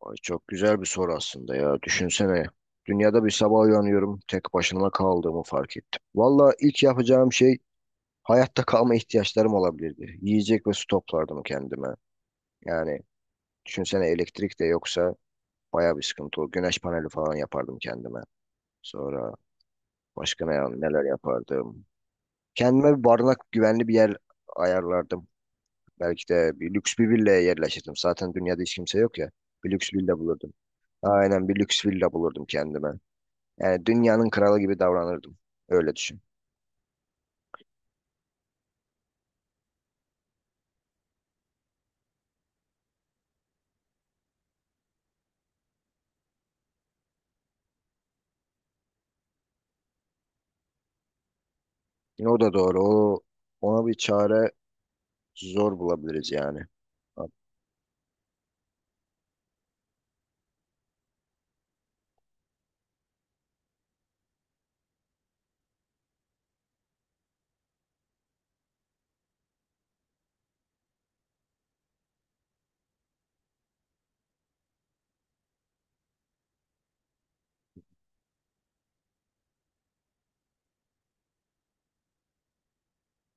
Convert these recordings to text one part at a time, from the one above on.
Ay çok güzel bir soru aslında ya. Düşünsene. Dünyada bir sabah uyanıyorum. Tek başıma kaldığımı fark ettim. Valla ilk yapacağım şey hayatta kalma ihtiyaçlarım olabilirdi. Yiyecek ve su toplardım kendime. Yani düşünsene, elektrik de yoksa baya bir sıkıntı olur. Güneş paneli falan yapardım kendime. Sonra başka neler yapardım? Kendime bir barınak, güvenli bir yer ayarlardım. Belki de bir lüks bir villaya yerleşirdim. Zaten dünyada hiç kimse yok ya. Bir lüks villa bulurdum. Aynen, bir lüks villa bulurdum kendime. Yani dünyanın kralı gibi davranırdım. Öyle düşün. Yine o da doğru. Ona bir çare zor bulabiliriz yani.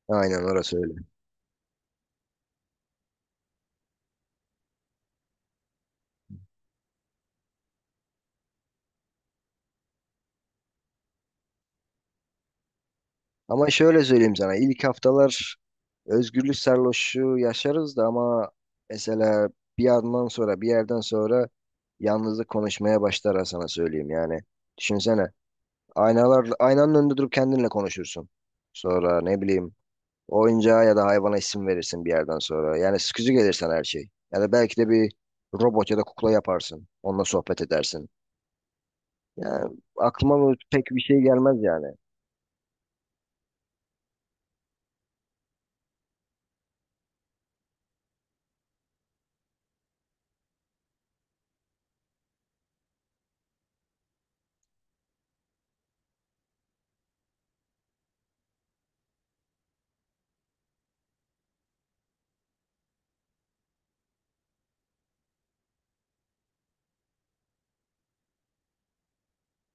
Aynen, orası öyle. Ama şöyle söyleyeyim sana. İlk haftalar özgürlük sarhoşluğu yaşarız da ama mesela bir yerden sonra yalnızlık konuşmaya başlar ha, sana söyleyeyim yani. Düşünsene. Aynalar, aynanın önünde durup kendinle konuşursun. Sonra ne bileyim, oyuncağa ya da hayvana isim verirsin bir yerden sonra. Yani sıkıcı gelirsen her şey. Ya da belki de bir robot ya da kukla yaparsın. Onunla sohbet edersin. Yani aklıma bu pek bir şey gelmez yani.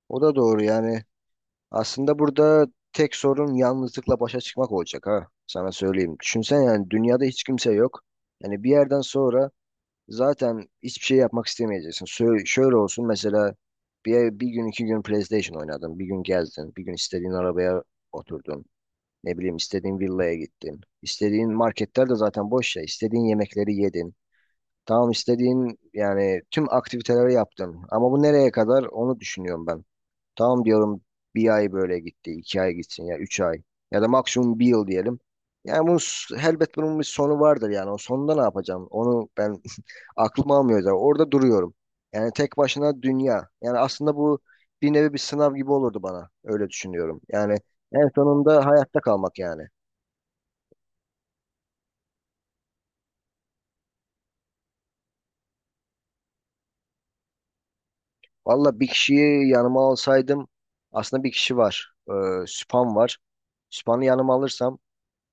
O da doğru yani. Aslında burada tek sorun yalnızlıkla başa çıkmak olacak ha. Sana söyleyeyim. Düşünsen yani, dünyada hiç kimse yok. Yani bir yerden sonra zaten hiçbir şey yapmak istemeyeceksin. Şöyle olsun mesela, bir gün iki gün PlayStation oynadın. Bir gün gezdin. Bir gün istediğin arabaya oturdun. Ne bileyim istediğin villaya gittin. İstediğin marketler de zaten boş ya. İstediğin yemekleri yedin. Tamam, istediğin yani tüm aktiviteleri yaptın. Ama bu nereye kadar, onu düşünüyorum ben. Tamam diyorum, bir ay böyle gitti. İki ay gitsin ya, üç ay. Ya da maksimum bir yıl diyelim. Yani bunun, elbet bunun bir sonu vardır yani. O sonunda ne yapacağım? Onu ben aklım almıyor zaten. Orada duruyorum. Yani tek başına dünya. Yani aslında bu bir nevi bir sınav gibi olurdu bana. Öyle düşünüyorum. Yani en sonunda hayatta kalmak yani. Valla bir kişiyi yanıma alsaydım, aslında bir kişi var. Süphan var. Süphan'ı yanıma alırsam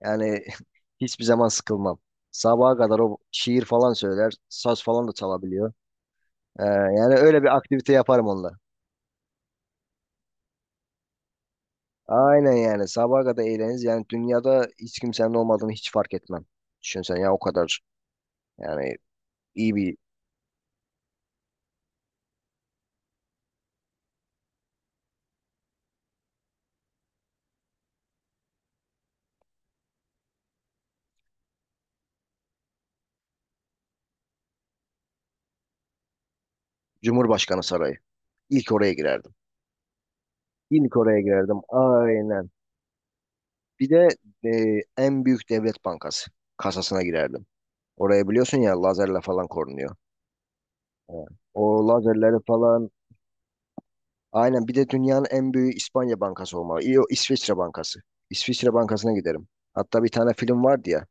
yani hiçbir zaman sıkılmam. Sabaha kadar o şiir falan söyler. Saz falan da çalabiliyor. Yani öyle bir aktivite yaparım onunla. Aynen, yani sabaha kadar eğleniriz. Yani dünyada hiç kimsenin olmadığını hiç fark etmem. Düşünsen ya, o kadar yani, iyi bir Cumhurbaşkanı sarayı. İlk oraya girerdim. İlk oraya girerdim. Aynen. Bir de en büyük devlet bankası kasasına girerdim. Oraya biliyorsun ya, lazerle falan korunuyor. Evet. O lazerleri falan, aynen, bir de dünyanın en büyük İspanya bankası olmalı. İyi, o İsviçre bankası. İsviçre bankasına giderim. Hatta bir tane film vardı ya.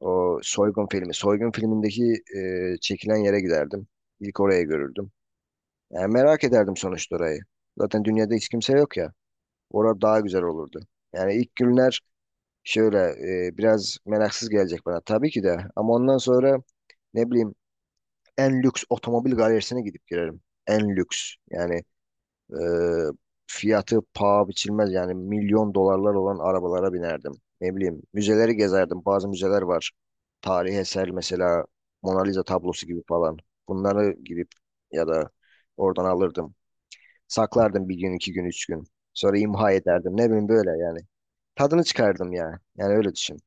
O soygun filmi. Soygun filmindeki çekilen yere giderdim. İlk oraya görürdüm. Yani merak ederdim sonuçta orayı. Zaten dünyada hiç kimse yok ya. Orada daha güzel olurdu. Yani ilk günler şöyle biraz meraksız gelecek bana tabii ki de. Ama ondan sonra ne bileyim, en lüks otomobil galerisine gidip girerim. En lüks. Yani e, fiyatı paha biçilmez yani milyon dolarlar olan arabalara binerdim. Ne bileyim, müzeleri gezerdim. Bazı müzeler var. Tarihi eser mesela, Mona Lisa tablosu gibi falan. Bunları gidip ya da oradan alırdım. Saklardım bir gün, iki gün, üç gün. Sonra imha ederdim. Ne bileyim, böyle yani. Tadını çıkardım ya. Yani öyle düşün.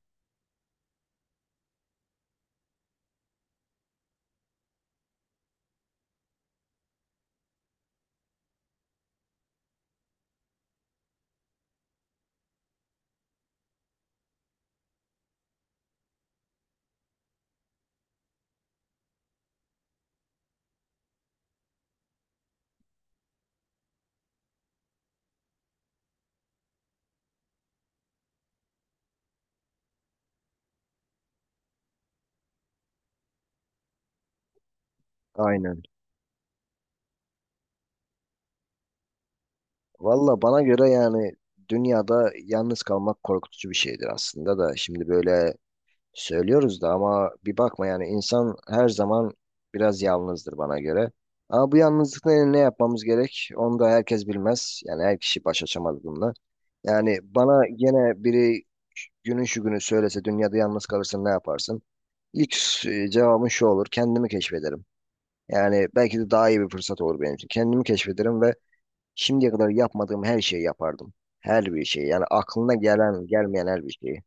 Aynen. Valla bana göre yani, dünyada yalnız kalmak korkutucu bir şeydir aslında da, şimdi böyle söylüyoruz da ama bir bakma yani, insan her zaman biraz yalnızdır bana göre. Ama bu yalnızlıkla ne yapmamız gerek, onu da herkes bilmez. Yani her kişi baş açamaz bununla. Yani bana gene biri günün şu günü söylese, dünyada yalnız kalırsın ne yaparsın? İlk cevabım şu olur, kendimi keşfederim. Yani belki de daha iyi bir fırsat olur benim için. Kendimi keşfederim ve şimdiye kadar yapmadığım her şeyi yapardım. Her bir şeyi. Yani aklına gelen, gelmeyen her bir şeyi.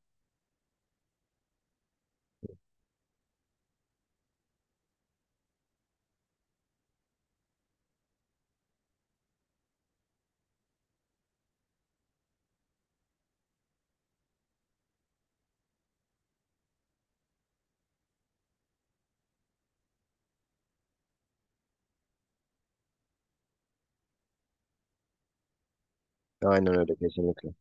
Aynen öyle, kesinlikle.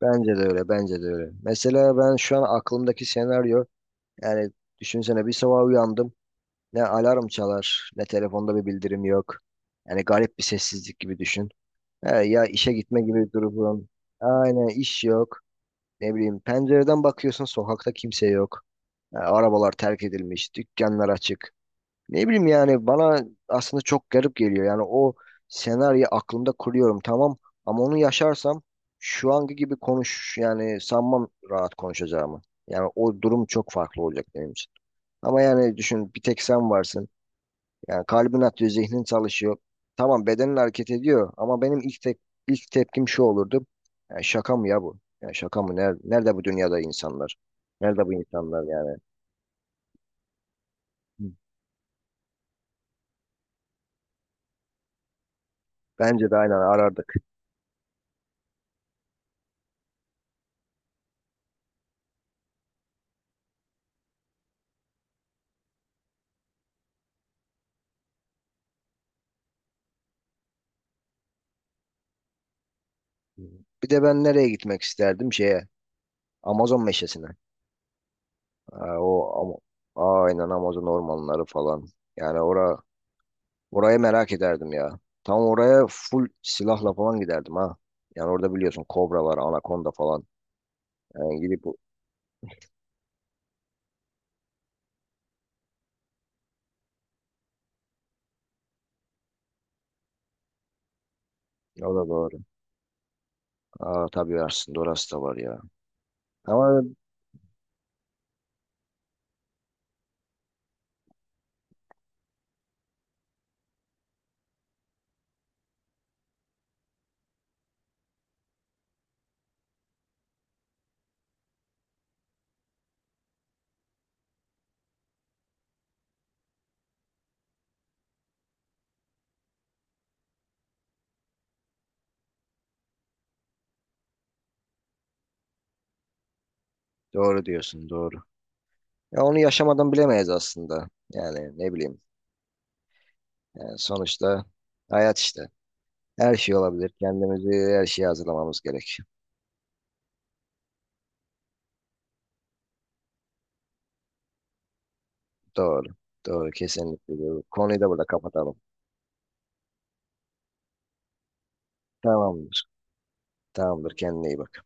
Bence de öyle, bence de öyle. Mesela ben şu an aklımdaki senaryo, yani düşünsene bir sabah uyandım. Ne alarm çalar, ne telefonda bir bildirim yok. Yani garip bir sessizlik gibi düşün. He, ya işe gitme gibi bir durum. Aynen, iş yok. Ne bileyim, pencereden bakıyorsun sokakta kimse yok. Ha, arabalar terk edilmiş, dükkanlar açık. Ne bileyim yani, bana aslında çok garip geliyor. Yani o senaryo aklımda kuruyorum tamam, ama onu yaşarsam şu anki gibi konuş yani, sanmam rahat konuşacağımı. Yani o durum çok farklı olacak benim için. Ama yani düşün, bir tek sen varsın. Yani kalbin atıyor, zihnin çalışıyor. Tamam, bedenin hareket ediyor ama benim ilk tepkim şu olurdu. Yani şaka mı ya bu? Yani şaka mı? Nerede bu dünyada insanlar? Nerede bu insanlar yani? Bence de aynen arardık. Bir de ben nereye gitmek isterdim? Şeye, Amazon meşesine. Ha, o Am- aynen Amazon ormanları falan. Yani orayı merak ederdim ya. Tam oraya full silahla falan giderdim ha. Yani orada biliyorsun kobra var, anakonda falan. Yani gidip o, o da doğru. Aa, tabii aslında orası da var ya. Ama doğru diyorsun, doğru. Ya onu yaşamadan bilemeyiz aslında. Yani ne bileyim. Yani sonuçta hayat işte. Her şey olabilir. Kendimizi her şeye hazırlamamız gerek. Doğru. Doğru. Kesinlikle doğru. Konuyu da burada kapatalım. Tamamdır. Tamamdır. Kendine iyi bak.